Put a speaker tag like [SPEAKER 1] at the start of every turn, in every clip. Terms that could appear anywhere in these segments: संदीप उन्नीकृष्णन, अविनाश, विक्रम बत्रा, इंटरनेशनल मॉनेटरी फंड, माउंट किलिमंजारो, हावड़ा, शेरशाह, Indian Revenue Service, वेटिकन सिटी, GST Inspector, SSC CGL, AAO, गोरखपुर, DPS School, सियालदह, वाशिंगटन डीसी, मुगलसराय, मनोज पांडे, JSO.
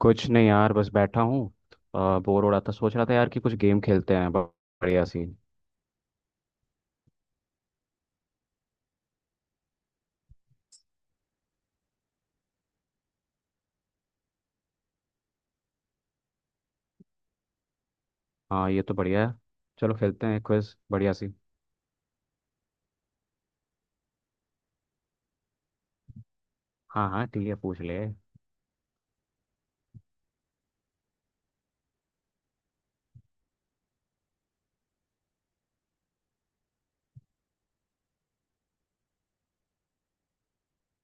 [SPEAKER 1] कुछ नहीं यार। बस बैठा हूँ। बोर हो रहा था। सोच रहा था यार कि कुछ गेम खेलते हैं बढ़िया सी। हाँ ये तो बढ़िया है। चलो खेलते हैं क्विज बढ़िया सी। हाँ हाँ ठीक है, पूछ ले।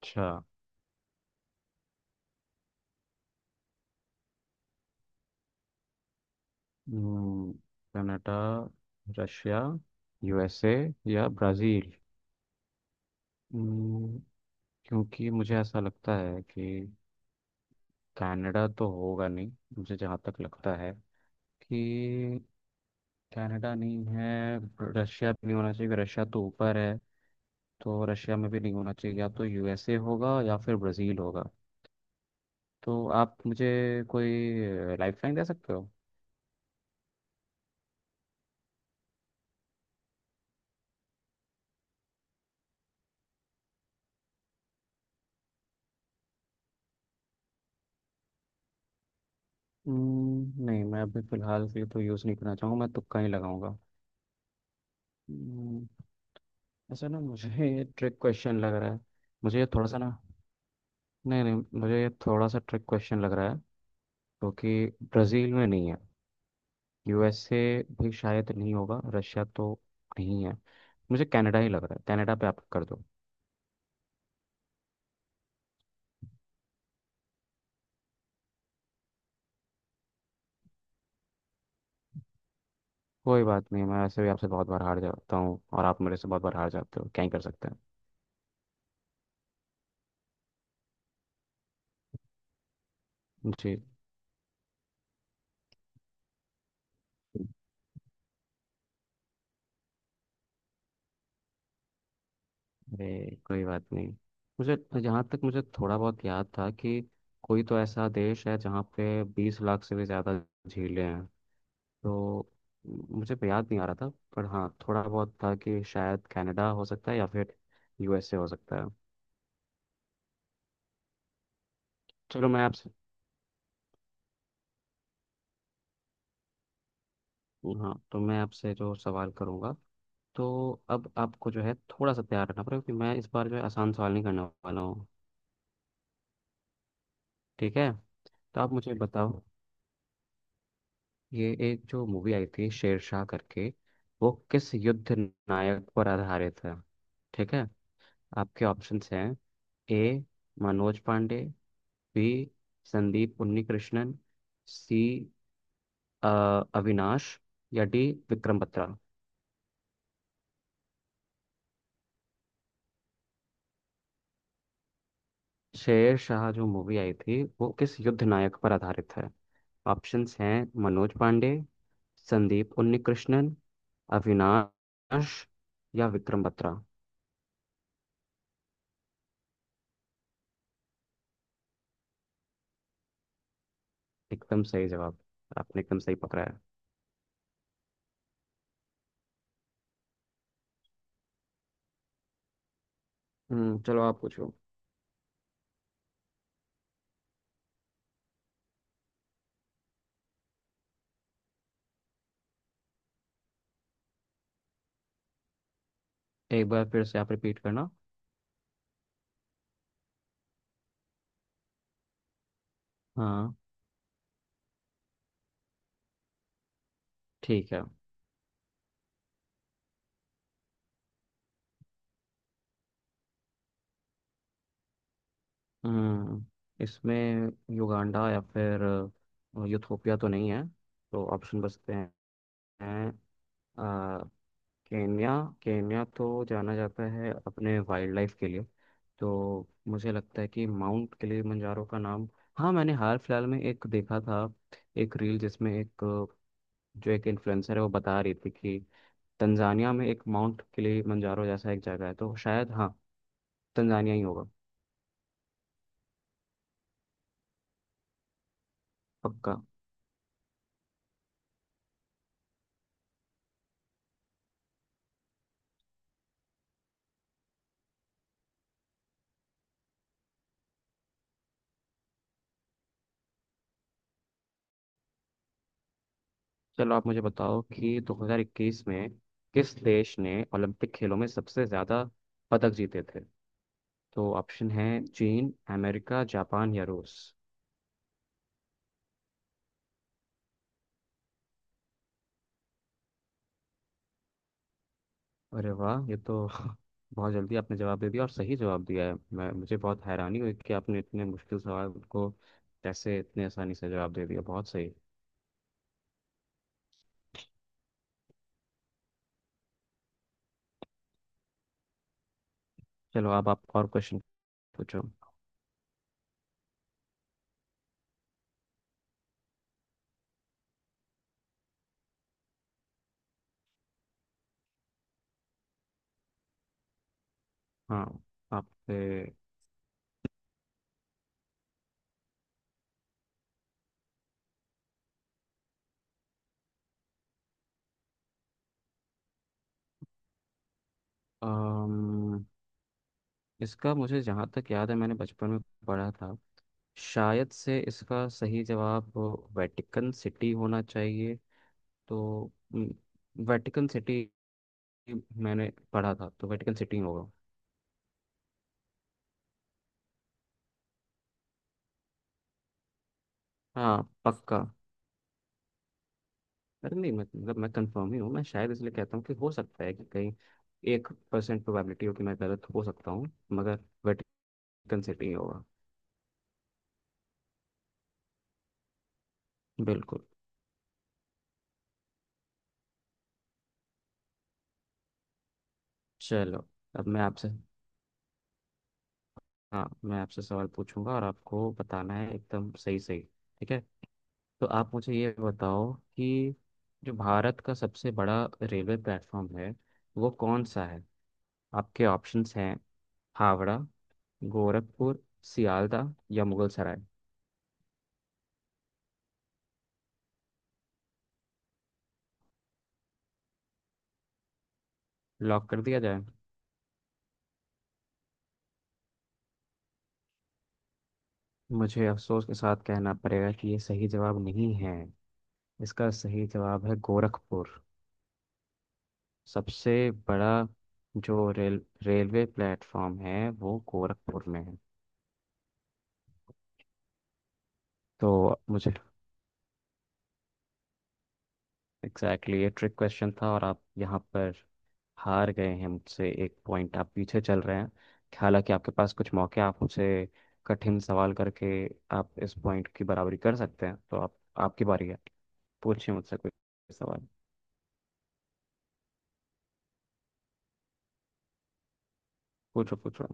[SPEAKER 1] अच्छा। हम्म, कनाडा, रशिया, यूएसए या ब्राज़ील। हम्म, क्योंकि मुझे ऐसा लगता है कि कनाडा तो होगा नहीं। मुझे जहाँ तक लगता है कि कनाडा नहीं है। रशिया भी नहीं होना चाहिए क्योंकि रशिया तो ऊपर है, तो रशिया में भी नहीं होना चाहिए। या तो यूएसए होगा या फिर ब्राज़ील होगा। तो आप मुझे कोई लाइफ लाइन दे सकते हो? नहीं, मैं अभी फ़िलहाल के लिए तो यूज़ नहीं करना चाहूँगा। मैं तुक्का ही लगाऊंगा। हम्म, ऐसा ना मुझे ये ट्रिक क्वेश्चन लग रहा है। मुझे ये थोड़ा सा ना, नहीं नहीं, मुझे ये थोड़ा सा ट्रिक क्वेश्चन लग रहा है। क्योंकि ब्राज़ील में नहीं है, यूएसए भी शायद नहीं होगा, रशिया तो नहीं है। मुझे कनाडा ही लग रहा है, कनाडा पे आप कर दो। कोई बात नहीं, मैं वैसे भी आपसे बहुत बार हार जाता हूँ और आप मेरे से बहुत बार हार जाते हो, क्या ही कर सकते हैं। जी। अरे कोई बात नहीं। मुझे जहाँ तक मुझे थोड़ा बहुत याद था कि कोई तो ऐसा देश है जहाँ पे 20 लाख से भी ज़्यादा झीलें हैं, तो मुझे तो याद नहीं आ रहा था। पर हाँ थोड़ा बहुत था कि शायद कनाडा हो सकता है या फिर यूएसए हो सकता है। चलो मैं आपसे, हाँ तो मैं आपसे जो सवाल करूँगा तो अब आपको जो है थोड़ा सा तैयार रहना पड़ेगा क्योंकि मैं इस बार जो है आसान सवाल नहीं करने वाला हूँ। ठीक है, तो आप मुझे बताओ ये एक जो मूवी आई थी शेरशाह करके, वो किस युद्ध नायक पर आधारित है? ठीक है, आपके ऑप्शंस हैं A मनोज पांडे, B संदीप उन्नीकृष्णन, C अ, अविनाश या डी विक्रम बत्रा। शेरशाह जो मूवी आई थी वो किस युद्ध नायक पर आधारित है? ऑप्शंस हैं मनोज पांडे, संदीप उन्नीकृष्णन, अविनाश या विक्रम बत्रा। एकदम सही जवाब। आपने एकदम सही पकड़ा है। हम्म, चलो आप पूछो। एक बार फिर से आप रिपीट करना। हाँ। ठीक है। हम्म इसमें युगांडा या फिर यूथोपिया तो नहीं है। तो ऑप्शन बचते हैं अ, केन्या। केन्या तो जाना जाता है अपने वाइल्ड लाइफ के लिए, तो मुझे लगता है कि माउंट किलिमंजारो का नाम, हाँ मैंने हाल फिलहाल में एक देखा था, एक रील जिसमें एक जो एक इन्फ्लुएंसर है वो बता रही थी कि तंजानिया में एक माउंट किलिमंजारो जैसा एक जगह है, तो शायद हाँ तंजानिया ही होगा। पक्का। चलो आप मुझे बताओ कि 2021 में किस देश ने ओलंपिक खेलों में सबसे ज़्यादा पदक जीते थे? तो ऑप्शन है चीन, अमेरिका, जापान या रूस। अरे वाह, ये तो बहुत जल्दी आपने जवाब दे दिया और सही जवाब दिया है। मैं मुझे बहुत हैरानी हुई कि आपने इतने मुश्किल सवाल को कैसे इतने आसानी से जवाब दे दिया, बहुत सही। चलो अब आप और क्वेश्चन पूछो। हाँ। आपसे। अम्म, इसका मुझे जहाँ तक याद है, मैंने बचपन में पढ़ा था। शायद से इसका सही जवाब वेटिकन सिटी होना चाहिए। तो वेटिकन सिटी, मैंने पढ़ा था तो वेटिकन सिटी होगा। हाँ पक्का। अरे नहीं, मतलब मैं कंफर्म ही हूँ। मैं शायद इसलिए कहता हूँ कि हो सकता है कि कहीं 1% प्रोबेबिलिटी हो कि मैं गलत हो सकता हूँ, मगर वेटिकन सिटी होगा। बिल्कुल। चलो अब मैं आपसे, हाँ मैं आपसे सवाल पूछूंगा और आपको बताना है एकदम सही सही। ठीक है। तो आप मुझे ये बताओ कि जो भारत का सबसे बड़ा रेलवे प्लेटफॉर्म है, वो कौन सा है? आपके ऑप्शंस हैं हावड़ा, गोरखपुर, सियालदह या मुगलसराय। लॉक कर दिया जाए। मुझे अफसोस के साथ कहना पड़ेगा कि ये सही जवाब नहीं है। इसका सही जवाब है गोरखपुर। सबसे बड़ा जो रेलवे प्लेटफॉर्म है वो गोरखपुर में है। तो मुझे एग्जैक्टली ये ट्रिक क्वेश्चन था और आप यहाँ पर हार गए हैं। मुझसे 1 पॉइंट आप पीछे चल रहे हैं। हालांकि आपके पास कुछ मौके हैं, आप मुझसे कठिन सवाल करके आप इस पॉइंट की बराबरी कर सकते हैं। तो आप, आपकी बारी है। पूछिए मुझसे कोई सवाल। पूछो पूछो।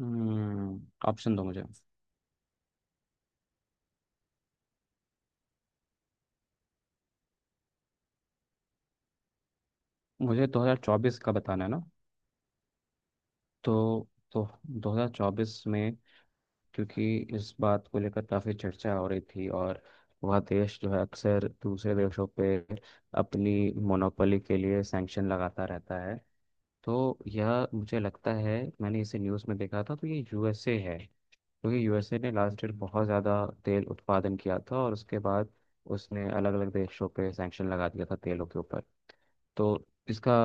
[SPEAKER 1] हम्म ऑप्शन दो मुझे। मुझे 2024 का बताना है ना? तो 2024 में, क्योंकि इस बात को लेकर काफ़ी चर्चा हो रही थी और वह देश जो है अक्सर दूसरे देशों पे अपनी मोनोपोली के लिए सैंक्शन लगाता रहता है, तो यह मुझे लगता है, मैंने इसे न्यूज़ में देखा था, तो ये यूएसए है। क्योंकि यूएसए ने लास्ट ईयर बहुत ज़्यादा तेल उत्पादन किया था और उसके बाद उसने अलग अलग देशों पे सैंक्शन लगा दिया था तेलों के ऊपर। तो इसका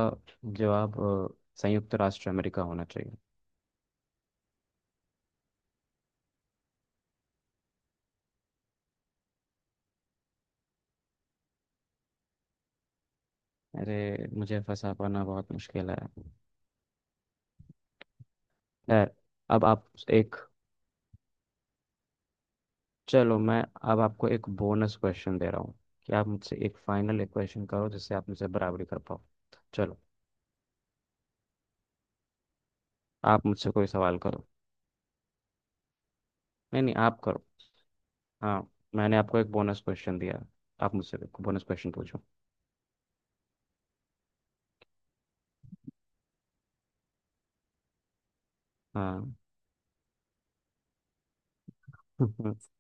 [SPEAKER 1] जवाब अ, संयुक्त राष्ट्र अमेरिका होना चाहिए। अरे मुझे फंसा पाना बहुत मुश्किल है। खैर अब आप एक, चलो मैं अब आपको एक बोनस क्वेश्चन दे रहा हूँ कि आप मुझसे एक फाइनल एक क्वेश्चन करो जिससे आप मुझसे बराबरी कर पाओ। चलो आप मुझसे कोई सवाल करो। नहीं नहीं आप करो। हाँ, मैंने आपको एक बोनस क्वेश्चन दिया, आप मुझसे बोनस क्वेश्चन पूछो। हाँ।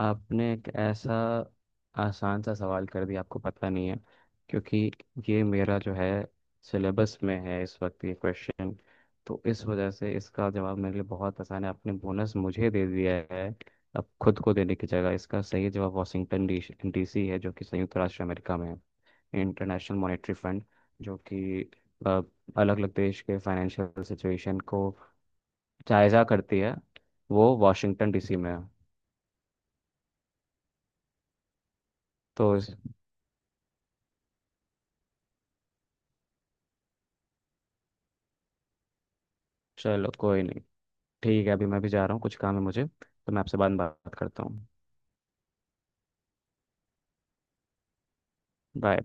[SPEAKER 1] आपने एक ऐसा आसान सा सवाल कर दिया, आपको पता नहीं है क्योंकि ये मेरा जो है सिलेबस में है इस वक्त ये क्वेश्चन। तो इस वजह से इसका जवाब मेरे लिए बहुत आसान है। आपने बोनस मुझे दे दिया है अब खुद को देने की जगह। इसका सही जवाब वाशिंगटन डी डीसी है जो कि संयुक्त राष्ट्र अमेरिका में है। इंटरनेशनल मॉनेटरी फंड जो कि अलग अलग देश के फाइनेंशियल सिचुएशन को जायजा करती है वो वाशिंगटन डीसी में है। तो इस- चलो कोई नहीं। ठीक है, अभी मैं भी जा रहा हूँ, कुछ काम है मुझे, तो मैं आपसे बाद में बात करता हूँ। Bye bye.